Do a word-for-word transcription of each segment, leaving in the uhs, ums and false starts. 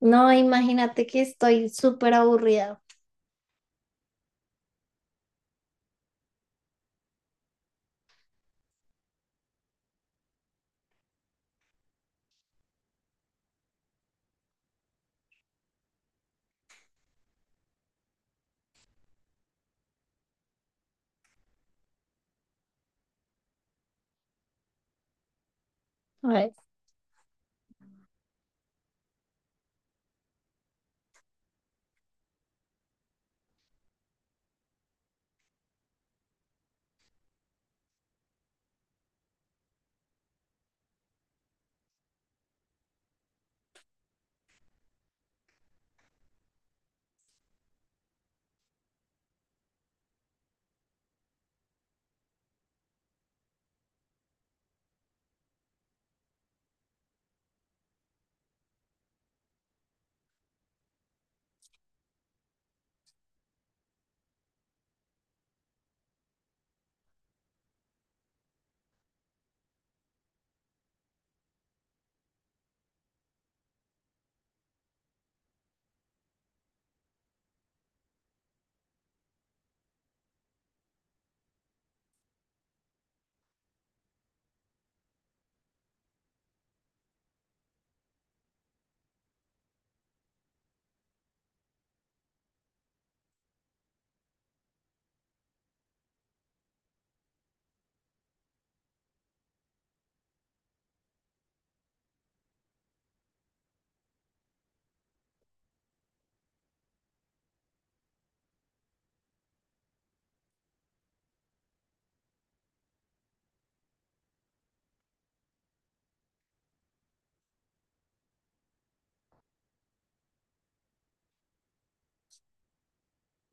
No, imagínate que estoy súper aburrida. Ay.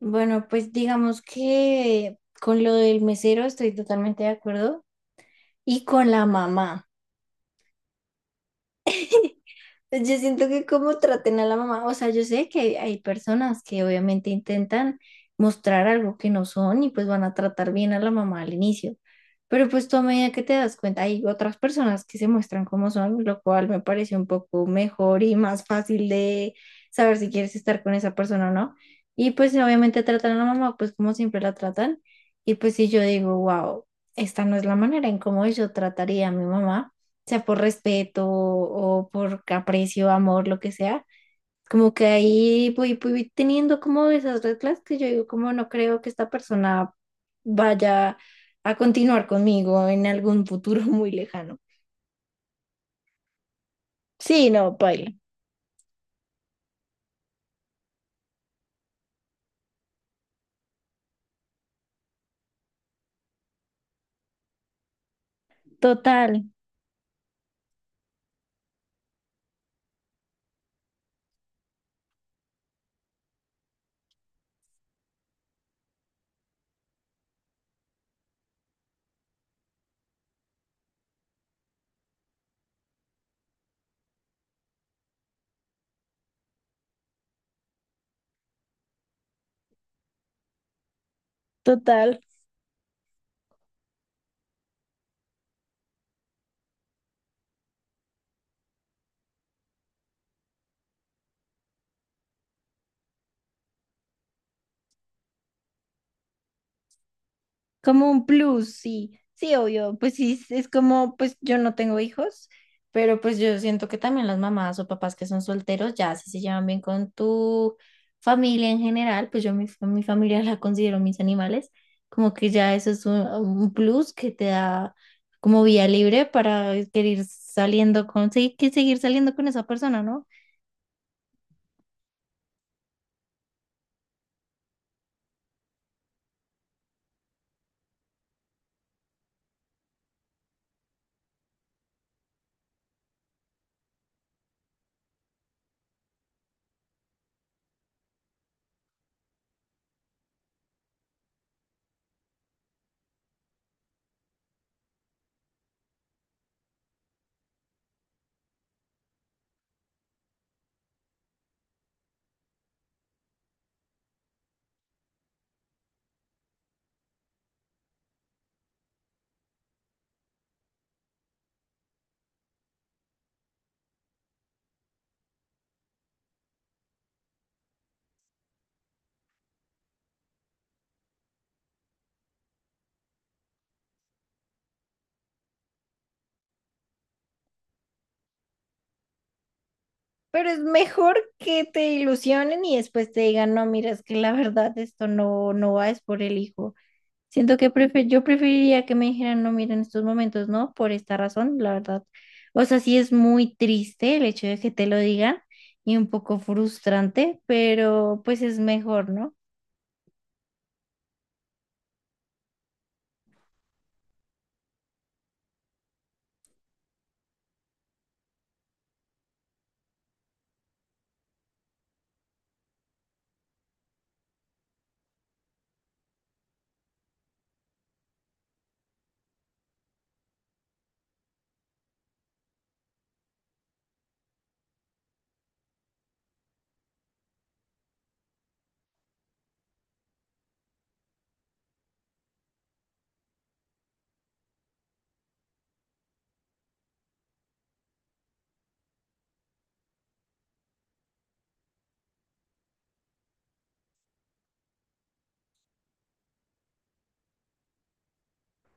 Bueno, pues digamos que con lo del mesero estoy totalmente de acuerdo y con la mamá. Yo siento que como traten a la mamá, o sea, yo sé que hay, hay personas que obviamente intentan mostrar algo que no son y pues van a tratar bien a la mamá al inicio, pero pues tú a medida que te das cuenta, hay otras personas que se muestran como son, lo cual me parece un poco mejor y más fácil de saber si quieres estar con esa persona o no. Y pues obviamente tratan a la mamá pues como siempre la tratan y pues si yo digo, wow, esta no es la manera en cómo yo trataría a mi mamá sea por respeto o por aprecio, amor, lo que sea. Como que ahí voy, voy teniendo como esas reglas que yo digo, como no creo que esta persona vaya a continuar conmigo en algún futuro muy lejano. Sí, no, baila. Total, total. Como un plus, sí, sí, obvio, pues sí, es es como, pues yo no tengo hijos, pero pues yo siento que también las mamás o papás que son solteros, ya si se llevan bien con tu familia en general, pues yo mi, fa- mi familia la considero mis animales, como que ya eso es un, un plus que te da como vía libre para querer saliendo con, sí, que seguir saliendo con esa persona, ¿no? Pero es mejor que te ilusionen y después te digan, no, mira, es que la verdad esto no, no va, es por el hijo. Siento que prefe- yo preferiría que me dijeran, no, mira, en estos momentos no, por esta razón, la verdad. O sea, sí es muy triste el hecho de que te lo digan y un poco frustrante, pero pues es mejor, ¿no?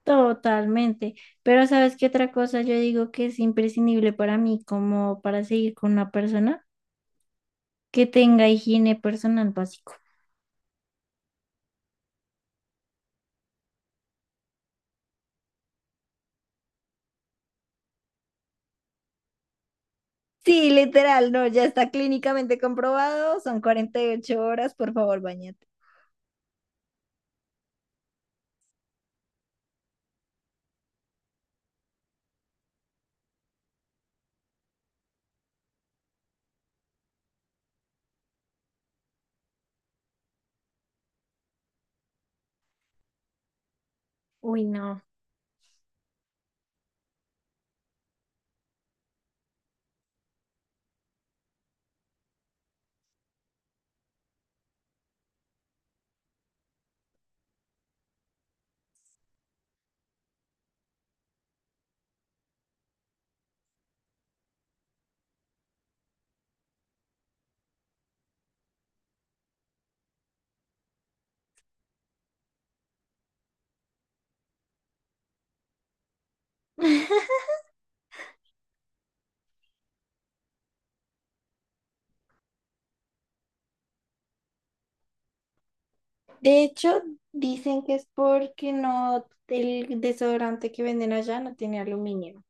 Totalmente. Pero ¿sabes qué otra cosa yo digo que es imprescindible para mí como para seguir con una persona? Que tenga higiene personal básico. Sí, literal, no, ya está clínicamente comprobado, son cuarenta y ocho horas, por favor, bañate. Uy, no. De hecho, dicen que es porque no, el desodorante que venden allá no tiene aluminio.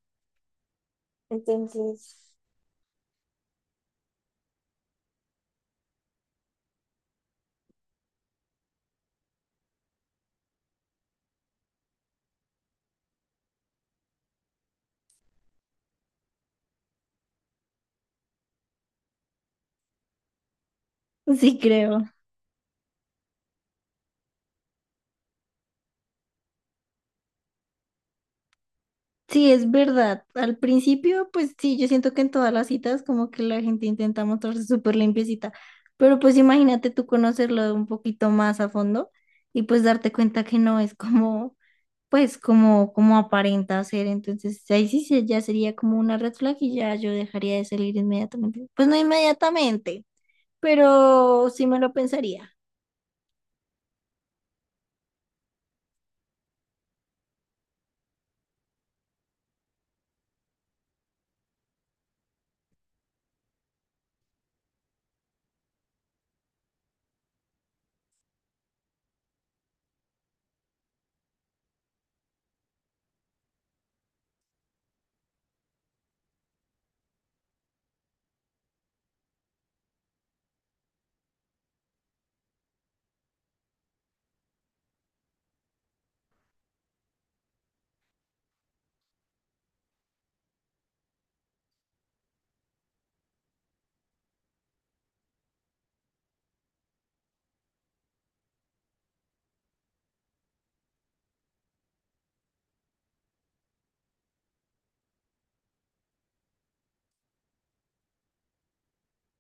Entonces, sí, creo. Sí, es verdad. Al principio, pues sí, yo siento que en todas las citas como que la gente intenta mostrarse súper limpiecita, pero pues imagínate tú conocerlo un poquito más a fondo y pues darte cuenta que no es como, pues como, como aparenta ser. Entonces ahí sí se- ya sería como una red flag y ya yo dejaría de salir inmediatamente. Pues no inmediatamente, pero sí me lo pensaría.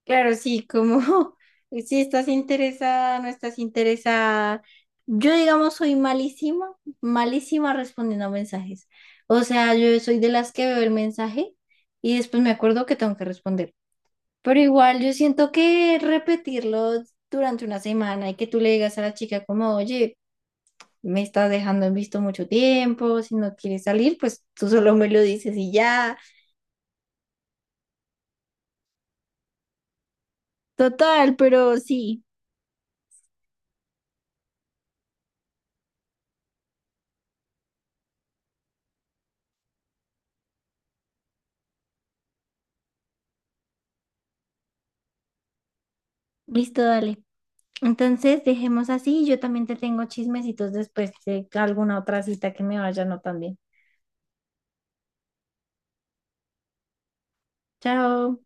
Claro, sí, como si estás interesada, no estás interesada. Yo, digamos, soy malísima, malísima respondiendo a mensajes. O sea, yo soy de las que veo el mensaje y después me acuerdo que tengo que responder. Pero igual yo siento que repetirlo durante una semana y que tú le digas a la chica como, oye, me estás dejando en visto mucho tiempo, si no quieres salir, pues tú solo me lo dices y ya. Total, pero sí, listo, dale. Entonces, dejemos así. Yo también te tengo chismecitos después de alguna otra cita que me vaya no tan bien. Chao.